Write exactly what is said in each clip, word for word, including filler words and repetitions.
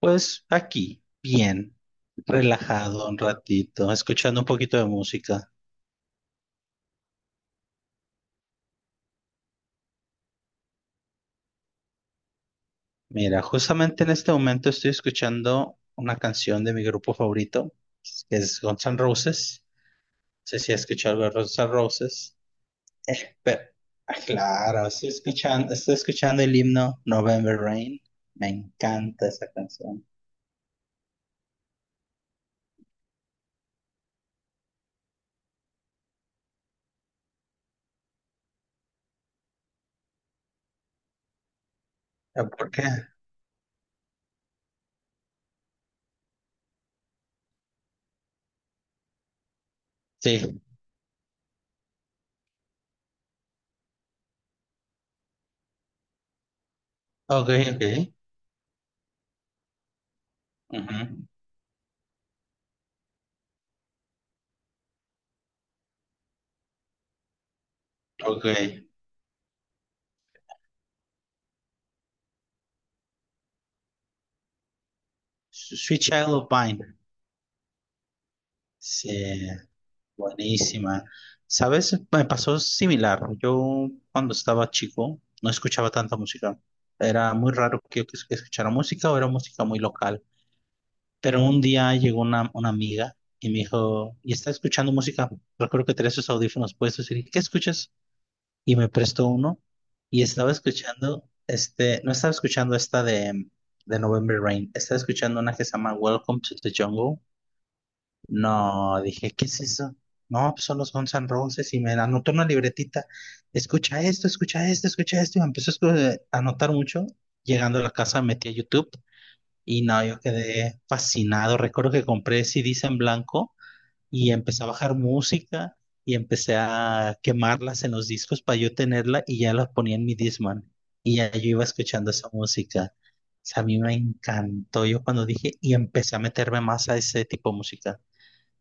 Pues aquí, bien, relajado un ratito, escuchando un poquito de música. Mira, justamente en este momento estoy escuchando una canción de mi grupo favorito, que es Guns N' Roses. No sé si has escuchado algo de Guns N' Roses. Eh, pero, ah, claro, estoy escuchando, estoy escuchando el himno November Rain. Me encanta esa canción. Eh, ¿Por qué? Sí, ok, ok. Ujú. Ok. Sweet Child of Mine. Sí. Buenísima. ¿Sabes? Me pasó similar. Yo cuando estaba chico no escuchaba tanta música. Era muy raro que yo que escuchara música o era música muy local. Pero un día llegó una, una amiga y me dijo, ¿y está escuchando música? Recuerdo que tenía esos audífonos puestos y dije, ¿qué escuchas? Y me prestó uno y estaba escuchando, este, no estaba escuchando esta de, de November Rain, estaba escuchando una que se llama Welcome to the Jungle. No, dije, ¿qué es eso? No, pues son los Guns N' Roses y me anotó una libretita. Escucha esto, escucha esto, escucha esto. Y me empezó a escu- eh, a anotar mucho. Llegando a la casa metí a YouTube y no, yo quedé fascinado. Recuerdo que compré C Ds en blanco y empecé a bajar música y empecé a quemarlas en los discos para yo tenerla y ya la ponía en mi Discman. Y ya yo iba escuchando esa música. O sea, a mí me encantó. Yo cuando dije y empecé a meterme más a ese tipo de música.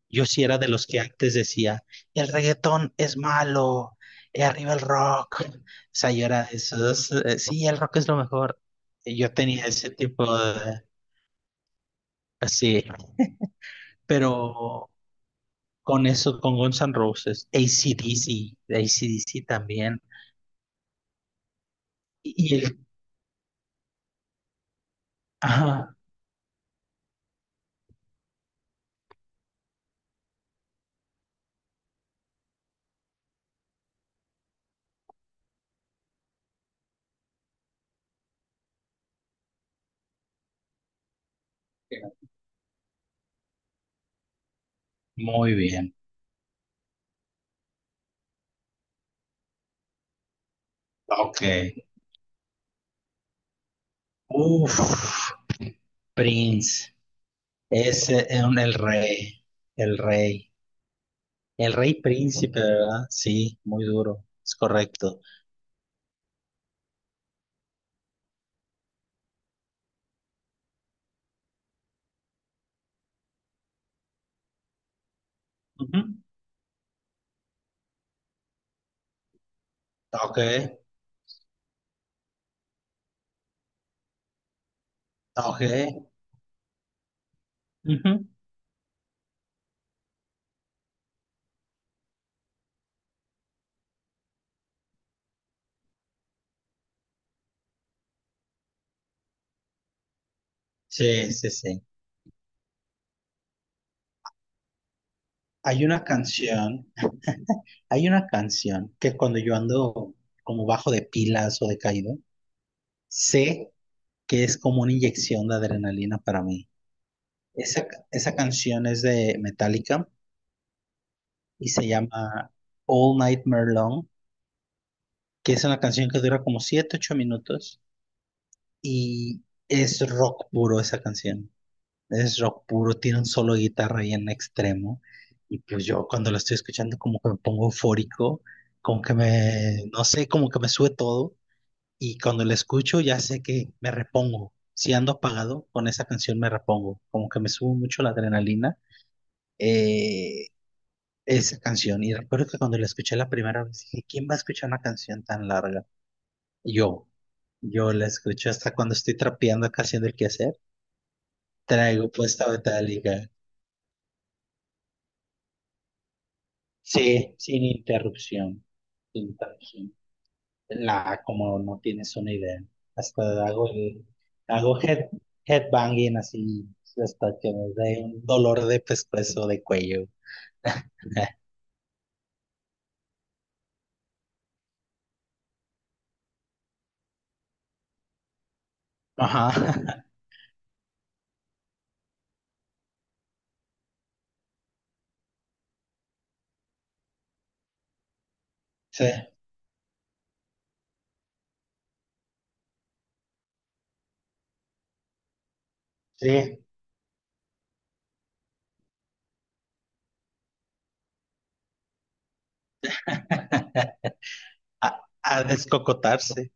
Yo sí era de los que antes decía, el reggaetón es malo, y arriba el rock. O sea, yo era de esos, eh, sí, el rock es lo mejor. Y yo tenía ese tipo de, así, pero con eso, con Guns N' Roses, AC/DC, AC/DC también. Y el, ajá, muy bien, ok. Uf, Prince, ese es el rey, el rey. El rey príncipe, ¿verdad? Sí, muy duro. Es correcto. Ujú. Ok, ok. Ujú. Sí, sí, sí. Hay una canción, hay una canción que cuando yo ando como bajo de pilas o decaído, sé que es como una inyección de adrenalina para mí. Esa, esa canción es de Metallica y se llama All Nightmare Long, que es una canción que dura como siete, ocho minutos y es rock puro esa canción. Es rock puro, tiene un solo de guitarra ahí en extremo. Y pues yo cuando lo estoy escuchando como que me pongo eufórico, como que me, no sé, como que me sube todo. Y cuando lo escucho ya sé que me repongo. Si ando apagado, con esa canción me repongo. Como que me sube mucho la adrenalina eh, esa canción. Y recuerdo que cuando la escuché la primera vez dije, ¿quién va a escuchar una canción tan larga? Yo. Yo la escucho hasta cuando estoy trapeando acá haciendo el quehacer. Traigo puesta Metallica. Sí, sin interrupción, sin interrupción. La, como no tienes una idea. Hasta hago el, hago head, headbanging así, hasta que me dé un dolor de pescuezo, de cuello. Ajá. Sí, sí. A, a descocotarse.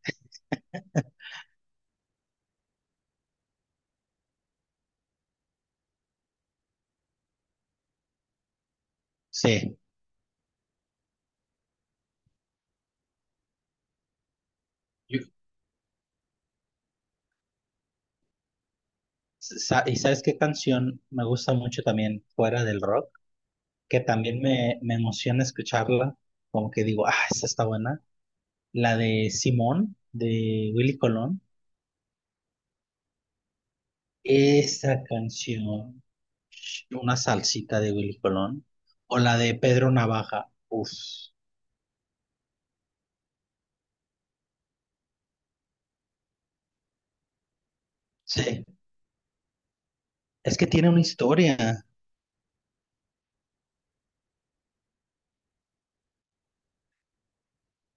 Sí. Yo- sa- ¿Y sabes qué canción me gusta mucho también fuera del rock? Que también me, me emociona escucharla. Como que digo, ah, esta está buena. La de Simón, de Willy Colón. Esa canción, una salsita de Willy Colón. O la de Pedro Navaja. Uf, sí. Es que tiene una historia.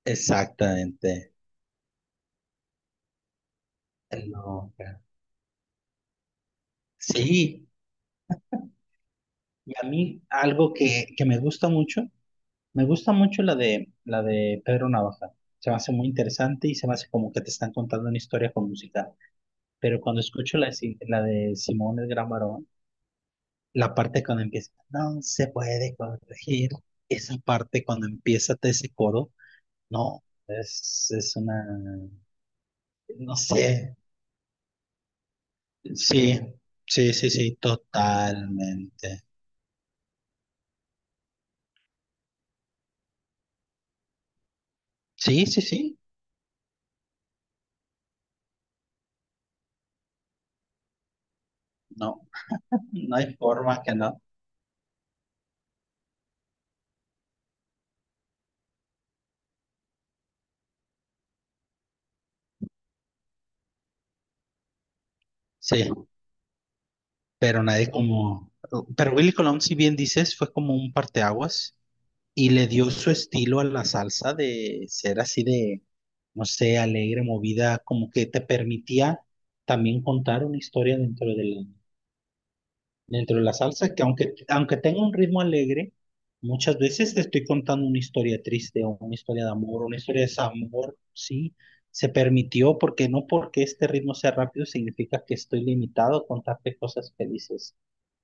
Exactamente. Loca. Sí, y a mí algo que, que me gusta mucho, me gusta mucho la de, la de Pedro Navaja. Se me hace muy interesante y se me hace como que te están contando una historia con música. Pero cuando escucho la, de Si- la de Simón el Gran Varón, la parte cuando empieza, no se puede corregir. Esa parte cuando empieza todo ese coro, no, es, es una, no sé, sí, sí, sí, sí, totalmente. Sí, sí, sí, no, no hay forma que no. Sí, pero nadie como, pero Willy Colón, si bien dices, fue como un parteaguas. Y le dio su estilo a la salsa de ser así de, no sé, alegre, movida, como que te permitía también contar una historia dentro de la, dentro de la salsa, que aunque, aunque tenga un ritmo alegre, muchas veces te estoy contando una historia triste o una historia de amor, una historia de desamor, sí, se permitió porque no porque este ritmo sea rápido significa que estoy limitado a contarte cosas felices.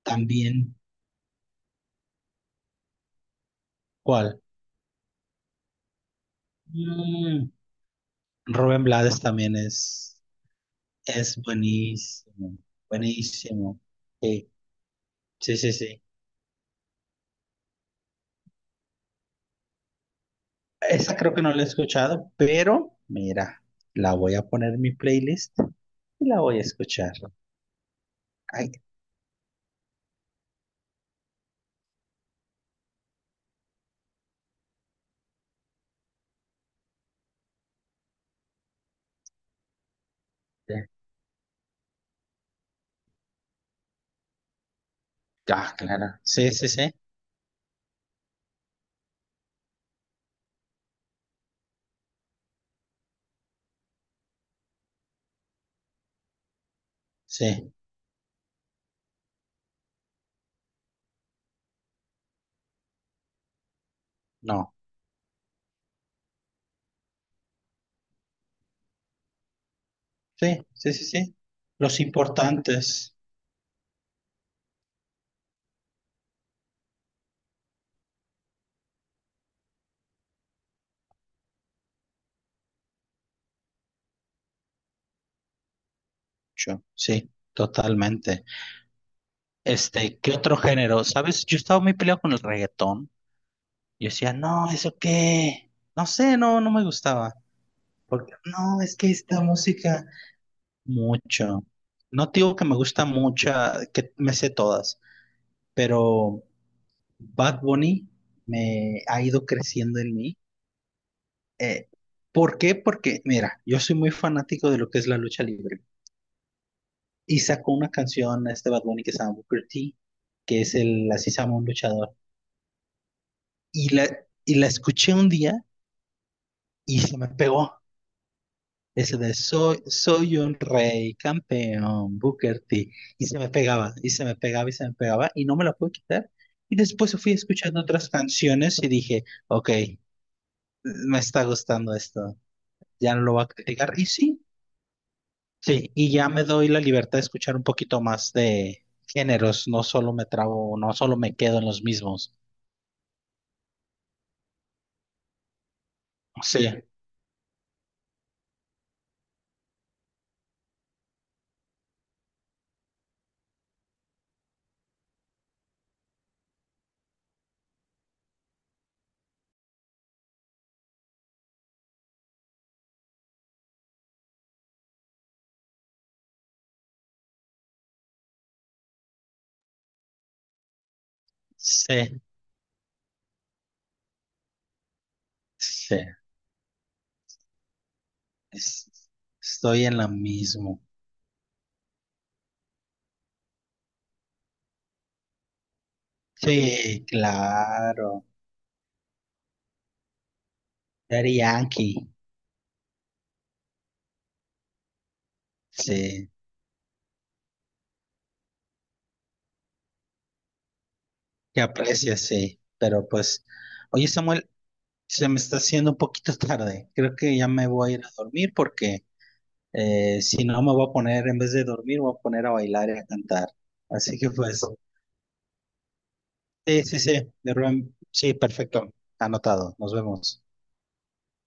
También, ¿cuál? Mm, Rubén Blades también es. Es buenísimo, buenísimo. Sí, sí, sí, sí. Esa creo que no la he escuchado, pero mira, la voy a poner en mi playlist y la voy a escuchar. Ay, sí. Ah, claro. Sí, sí, sí, sí, no. Sí, sí, sí, sí. Los importantes. Yo, sí, totalmente. Este, ¿qué otro género? ¿Sabes? Yo estaba muy peleado con el reggaetón. Yo decía, no, ¿eso qué? No sé, no, no me gustaba. Porque, no, es que esta música. Mucho. No te digo que me gusta mucho, que me sé todas, pero Bad Bunny me ha ido creciendo en mí. Eh, ¿por qué? Porque, mira, yo soy muy fanático de lo que es la lucha libre. Y sacó una canción este Bad Bunny que se llama Booker T, que es el, así se llama un luchador. Y la, y la escuché un día y se me pegó. Ese de soy, soy un rey, campeón, Booker T. Y se me pegaba, y se me pegaba, y se me pegaba, y no me la pude quitar. Y después fui escuchando otras canciones y dije, ok, me está gustando esto, ya no lo voy a criticar. Y sí, sí, y ya me doy la libertad de escuchar un poquito más de géneros, no solo me trabo, no solo me quedo en los mismos. Sí, sí, sí, es- estoy en la mismo. Sí, claro. Daddy Yankee. Sí, que aprecias, sí. Pero pues, oye Samuel, se me está haciendo un poquito tarde. Creo que ya me voy a ir a dormir porque eh, si no me voy a poner, en vez de dormir, me voy a poner a bailar y a cantar. Así que pues, sí, sí, sí, de Rubén, sí, perfecto, anotado. Nos vemos.